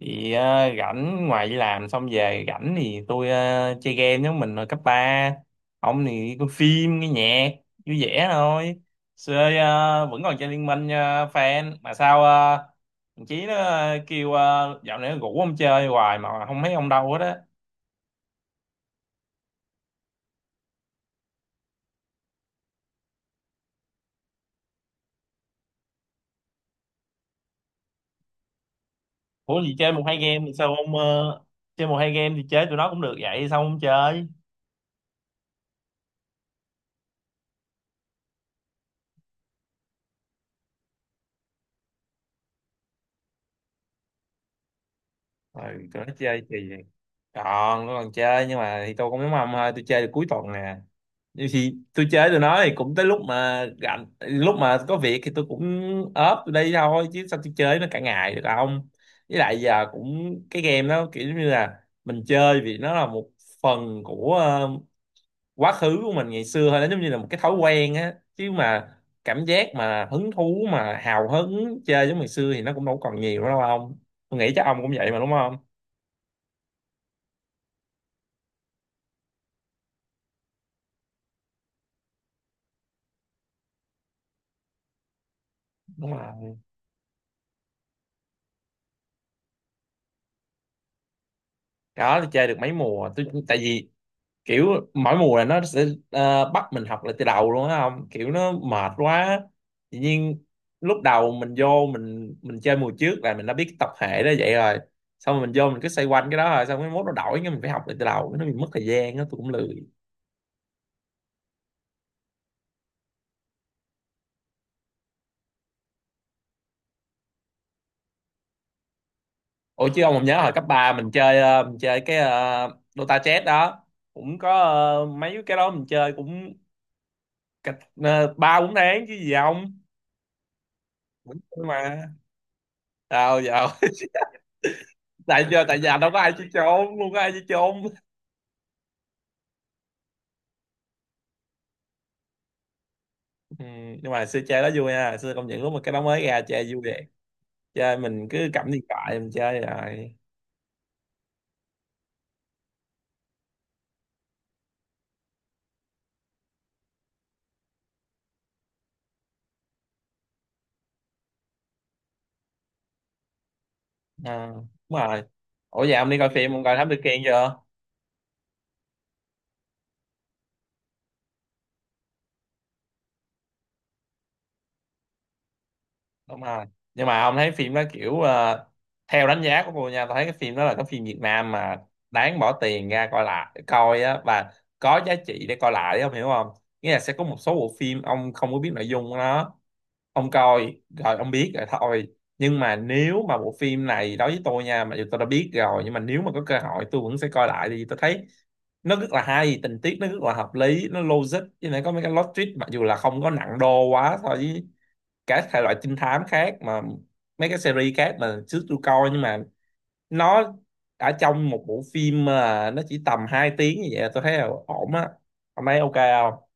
Thì rảnh, ngoài đi làm xong về rảnh thì tôi chơi game giống mình hồi cấp ba. Ông thì coi phim nghe nhạc, vui vẻ thôi. Xưa vẫn còn chơi Liên Minh, fan mà sao, thằng Chí nó kêu dạo này nó rủ ông chơi hoài mà không thấy ông đâu hết á. Ủa gì chơi một hai game thì sao ông, chơi một hai game thì chơi tụi nó cũng được, vậy sao ông không chơi? Ừ, tụi nó chơi thì còn, nó còn chơi nhưng mà thì tôi cũng giống ông thôi, tôi chơi được cuối tuần nè. Vậy thì tôi chơi tụi nó thì cũng tới lúc mà rảnh, lúc mà có việc thì tôi cũng ốp tụi đây thôi, chứ sao tôi chơi nó cả ngày được không. Với lại giờ cũng cái game đó, kiểu như là mình chơi vì nó là một phần của quá khứ của mình ngày xưa thôi, nó giống như là một cái thói quen á chứ mà. Cảm giác mà hứng thú mà hào hứng chơi giống ngày xưa thì nó cũng đâu còn nhiều nữa đâu không? Tôi nghĩ chắc ông cũng vậy mà đúng không? Đúng rồi, đó tôi chơi được mấy mùa tôi, tại vì kiểu mỗi mùa là nó sẽ bắt mình học lại từ đầu luôn á, không kiểu nó mệt quá. Tự nhiên lúc đầu mình vô, mình chơi mùa trước là mình đã biết tập hệ đó vậy rồi, xong rồi mình vô mình cứ xoay quanh cái đó, rồi xong cái mốt nó đổi, cái mình phải học lại từ đầu, nó bị mất thời gian đó tôi cũng lười. Ủa chứ ông còn nhớ hồi cấp 3 mình chơi mình chơi cái Dota Chess đó, cũng có mấy cái đó mình chơi cũng cách ba bốn tháng chứ gì không. Vẫn chơi mà, sao giờ? Tại giờ đâu có ai chơi trốn, không có ai chơi trốn. Ừ, nhưng mà xưa chơi đó vui nha, xưa công nhận lúc mà cái đó mới ra chơi vui vậy. Chơi mình cứ cắm điện thoại mình chơi rồi. à, Đúng rồi. Ủa vậy ông đi coi phim, ông coi Thám Tử Kiên chưa? Đúng rồi, nhưng mà ông thấy phim đó kiểu, theo đánh giá của tôi nha, tôi thấy cái phim đó là cái phim Việt Nam mà đáng bỏ tiền ra coi, lại coi á, và có giá trị để coi lại ông hiểu không. Nghĩa là sẽ có một số bộ phim ông không có biết nội dung của nó, ông coi rồi ông biết rồi thôi. Nhưng mà nếu mà bộ phim này đối với tôi nha, mặc dù tôi đã biết rồi nhưng mà nếu mà có cơ hội tôi vẫn sẽ coi lại, thì tôi thấy nó rất là hay, tình tiết nó rất là hợp lý, nó logic, với lại có mấy cái plot twist mặc dù là không có nặng đô quá so với các thể loại trinh thám khác mà, mấy cái series khác mà trước tôi coi, nhưng mà nó ở trong một bộ phim mà nó chỉ tầm 2 tiếng như vậy là tôi thấy là ổn á. Ông thấy ok không?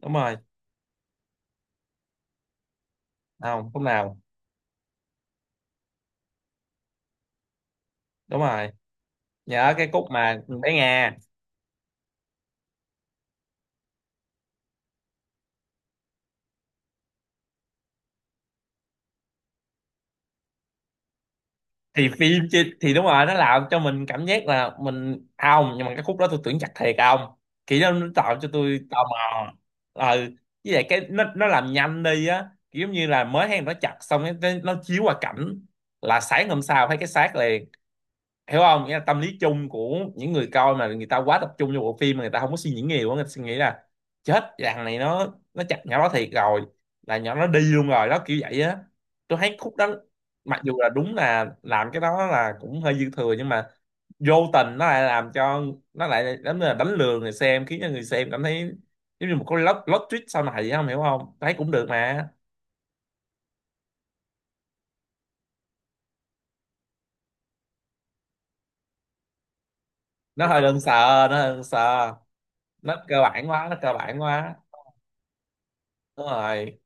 Đúng rồi, không lúc nào. Đúng rồi, nhớ cái cốt mà bé Nga. Thì phim chứ, thì đúng rồi nó làm cho mình cảm giác là mình, ông, nhưng mà cái khúc đó tôi tưởng chặt thiệt, à ông, kiểu nó tạo cho tôi tò mò. ờ với lại cái nó làm nhanh đi á, kiểu giống như là mới hay nó chặt xong cái nó chiếu qua cảnh là sáng hôm sau thấy cái xác liền, hiểu không, nghĩa là tâm lý chung của những người coi mà người ta quá tập trung vô bộ phim mà người ta không có suy nghĩ nhiều á, người ta suy nghĩ là chết thằng này nó chặt nhỏ đó thiệt rồi, là nhỏ nó đi luôn rồi đó kiểu vậy á. Tôi thấy khúc đó mặc dù là đúng là làm cái đó là cũng hơi dư thừa, nhưng mà vô tình nó lại làm cho, nó lại đánh, là đánh lừa người xem khiến cho người xem cảm thấy giống như một cái plot plot twist sau này vậy, không hiểu không? Tôi thấy cũng được mà. Nó hơi đơn sờ, nó hơi đơn sờ, nó cơ bản quá, nó cơ bản quá. Đúng rồi.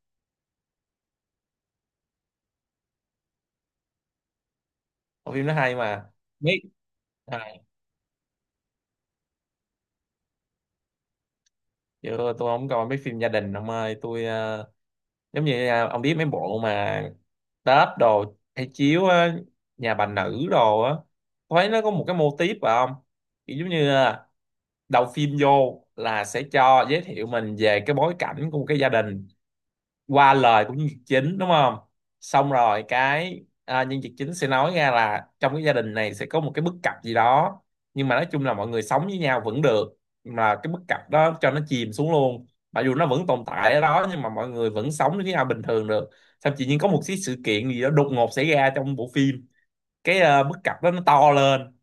Bộ phim nó hay mà, biết. à, Chứ tôi không coi mấy phim gia đình ông ơi, tôi giống như, ông biết mấy bộ mà Tết đồ hay chiếu á, Nhà Bà Nữ đồ á, tôi thấy nó có một cái mô típ phải không, kiểu giống như đầu phim vô là sẽ cho giới thiệu mình về cái bối cảnh của một cái gia đình qua lời của nhân vật chính đúng không. Xong rồi cái nhân vật chính sẽ nói ra là trong cái gia đình này sẽ có một cái bất cập gì đó, nhưng mà nói chung là mọi người sống với nhau vẫn được, mà cái bất cập đó cho nó chìm xuống luôn, mặc dù nó vẫn tồn tại ở đó nhưng mà mọi người vẫn sống với nhau bình thường được. Xong tự nhiên có một cái sự kiện gì đó đột ngột xảy ra trong bộ phim, cái bất cập đó nó to lên.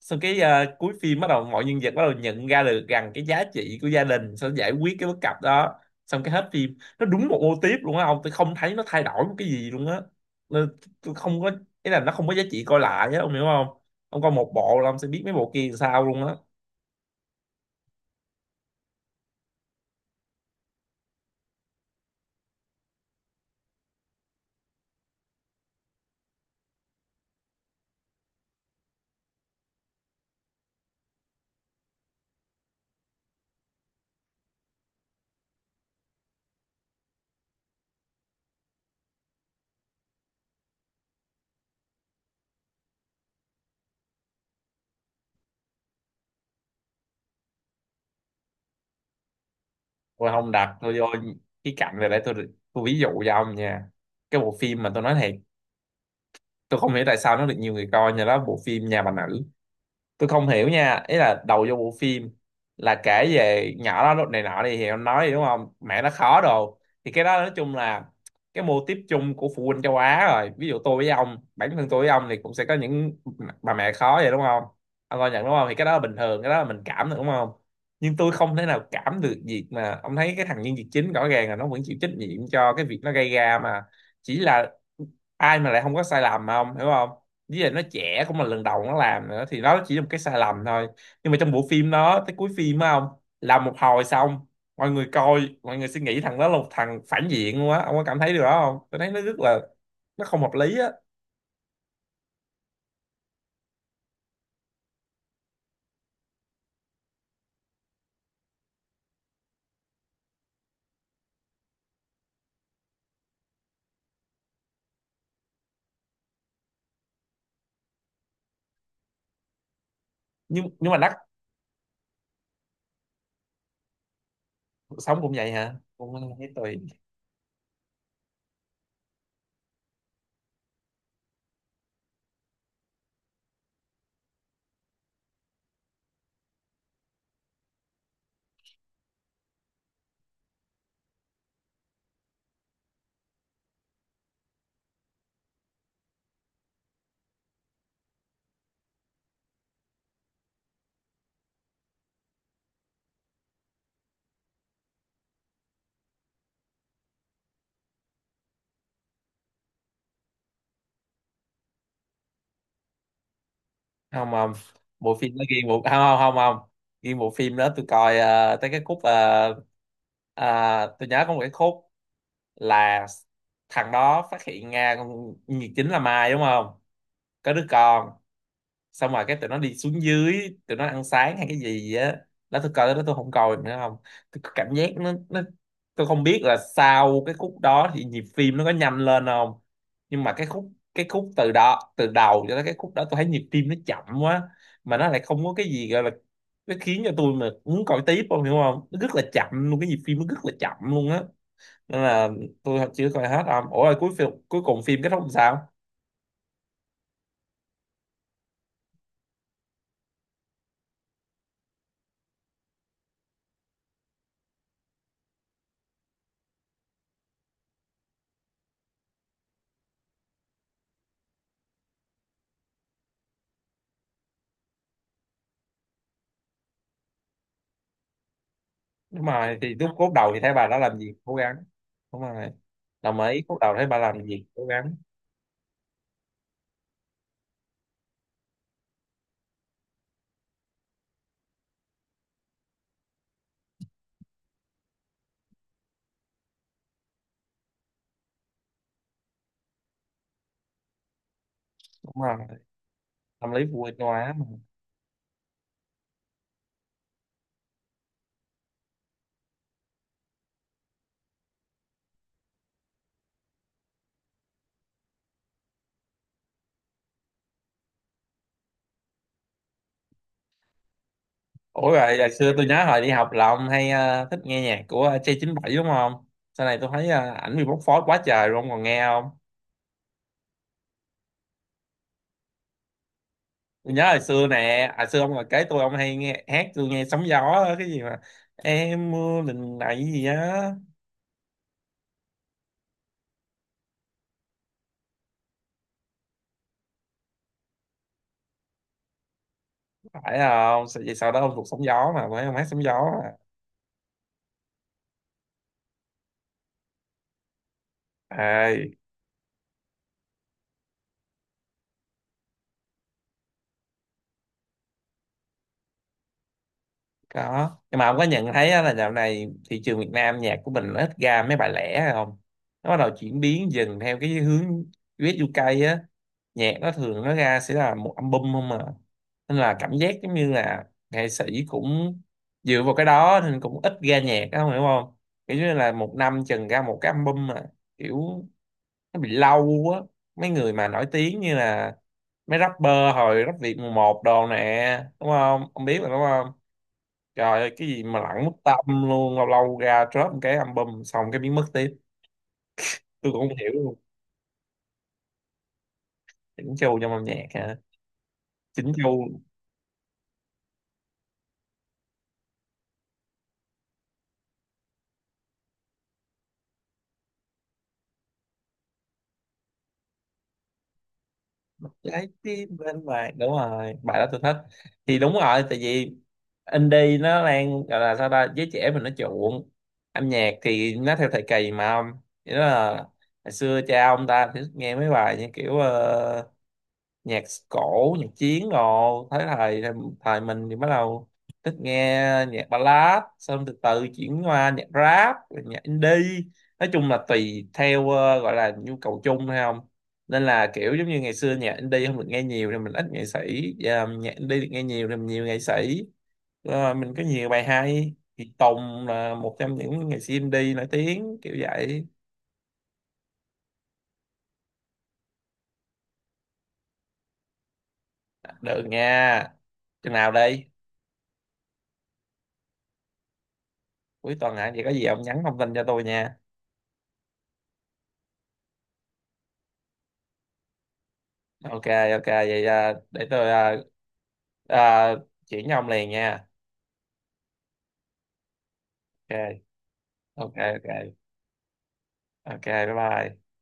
Sau cái, cuối phim bắt đầu mọi nhân vật bắt đầu nhận ra được rằng cái giá trị của gia đình sẽ giải quyết cái bất cập đó, xong cái hết phim, nó đúng một mô típ luôn á ông, tôi không thấy nó thay đổi một cái gì luôn á. Nên tôi không có, ý là nó không có giá trị coi lại á, ông hiểu không. Ông coi một bộ là ông sẽ biết mấy bộ kia làm sao luôn á. Rồi không đặt tôi vô cái cạnh này để tôi ví dụ cho ông nha. Cái bộ phim mà tôi nói thiệt, tôi không hiểu tại sao nó được nhiều người coi như đó là bộ phim Nhà Bà Nữ. Tôi không hiểu nha, ý là đầu vô bộ phim là kể về nhỏ đó lúc này nọ đi thì ông nói gì đúng không, mẹ nó khó đồ, thì cái đó nói chung là cái mô típ chung của phụ huynh châu Á rồi, ví dụ tôi với ông, bản thân tôi với ông thì cũng sẽ có những bà mẹ khó vậy đúng không. Ông coi nhận đúng không, thì cái đó là bình thường, cái đó là mình cảm được đúng không. Nhưng tôi không thể nào cảm được việc mà ông thấy cái thằng nhân vật chính rõ ràng là nó vẫn chịu trách nhiệm cho cái việc nó gây ra mà, chỉ là ai mà lại không có sai lầm mà ông hiểu không, với lại nó trẻ cũng là lần đầu nó làm nữa thì nó chỉ là một cái sai lầm thôi. Nhưng mà trong bộ phim nó tới cuối phim á không, làm một hồi xong, mọi người coi, mọi người suy nghĩ thằng đó là một thằng phản diện luôn á, ông có cảm thấy điều đó không, tôi thấy nó rất là, nó không hợp lý á. Nhưng mà đắt sống cũng vậy hả, cũng thấy tùy. Không không, bộ phim nó ghiêng bộ, không không không không, ghiêng bộ phim đó tôi coi tới cái khúc, ờ, tôi nhớ có một cái khúc là thằng đó phát hiện ra con nhiệt chính là Mai đúng không, có đứa con, xong rồi cái tụi nó đi xuống dưới tụi nó ăn sáng hay cái gì á, đó tôi coi đó tôi không coi nữa không. Tôi có cảm giác nó, tôi không biết là sau cái khúc đó thì nhịp phim nó có nhanh lên không, nhưng mà cái khúc từ đó, từ đầu cho tới cái khúc đó tôi thấy nhịp tim nó chậm quá, mà nó lại không có cái gì gọi là, nó khiến cho tôi mà muốn coi tiếp không, hiểu không, nó rất là chậm luôn, cái nhịp phim nó rất là chậm luôn á. Nên là tôi chưa coi hết không, ủa rồi cuối phim cuối cùng phim kết thúc làm sao? Đúng rồi, thì lúc phút đầu thì thấy bà đã làm gì cố gắng. Đúng rồi. Đồng ý phút đầu thấy bà làm gì cố gắng. Đúng rồi, tâm lý phụ huynh hóa mà. Ủa rồi hồi xưa tôi nhớ hồi đi học là ông hay thích nghe nhạc của J97 đúng không? Sau này tôi thấy, ảnh bị bóc phốt quá trời luôn, còn nghe không? Tôi nhớ hồi xưa nè, hồi xưa ông là kế tôi ông hay nghe hát, tôi nghe Sóng Gió á, cái gì mà em mưa lần này gì á, phải không? Vậy sau đó ông thuộc Sóng Gió mà phải, ông hát Sóng Gió mà. Ê, có, nhưng mà ông có nhận thấy á là dạo này thị trường Việt Nam, nhạc của mình nó ít ra mấy bài lẻ hay không. Nó bắt đầu chuyển biến dần theo cái hướng US UK á, nhạc nó thường nó ra sẽ là một album không mà, nên là cảm giác giống như là nghệ sĩ cũng dựa vào cái đó nên cũng ít ra nhạc á, ông hiểu không. Kiểu như là một năm chừng ra một cái album mà, kiểu nó bị lâu á. Mấy người mà nổi tiếng như là mấy rapper hồi rap Việt mùa một đồ nè đúng không, ông biết mà đúng không. Trời ơi, cái gì mà lẳng mất tâm luôn, lâu lâu ra drop một cái album xong cái biến mất tiếp. Tôi cũng không hiểu luôn. Chỉnh chu trong âm nhạc hả? Chỉnh chu trái tim bên ngoài. Đúng rồi, bài đó tôi thích. Thì đúng rồi, tại vì indie nó đang gọi là sao ta, giới trẻ mình nó chuộng. Âm nhạc thì nó theo thời kỳ mà ông. Nghĩa là hồi xưa cha ông ta thì nghe mấy bài như kiểu, nhạc cổ nhạc chiến, rồi thấy thầy thầy mình thì bắt đầu thích nghe nhạc ballad, xong từ từ chuyển qua nhạc rap rồi nhạc indie. Nói chung là tùy theo, gọi là nhu cầu chung hay không, nên là kiểu giống như ngày xưa nhạc indie không được nghe nhiều thì mình ít nghệ sĩ, giờ nhạc indie được nghe nhiều thì mình nhiều nghệ sĩ. Ờ, mình có nhiều bài hay thì Tùng là một trong những nghệ sĩ indie nổi tiếng kiểu vậy. Được nha, chừng nào đi? Cuối tuần hả, vậy có gì ông nhắn thông tin cho tôi nha. OK, OK, vậy để tôi, à, chuyển cho ông liền nha. OK, OK, OK, OK, bye bye.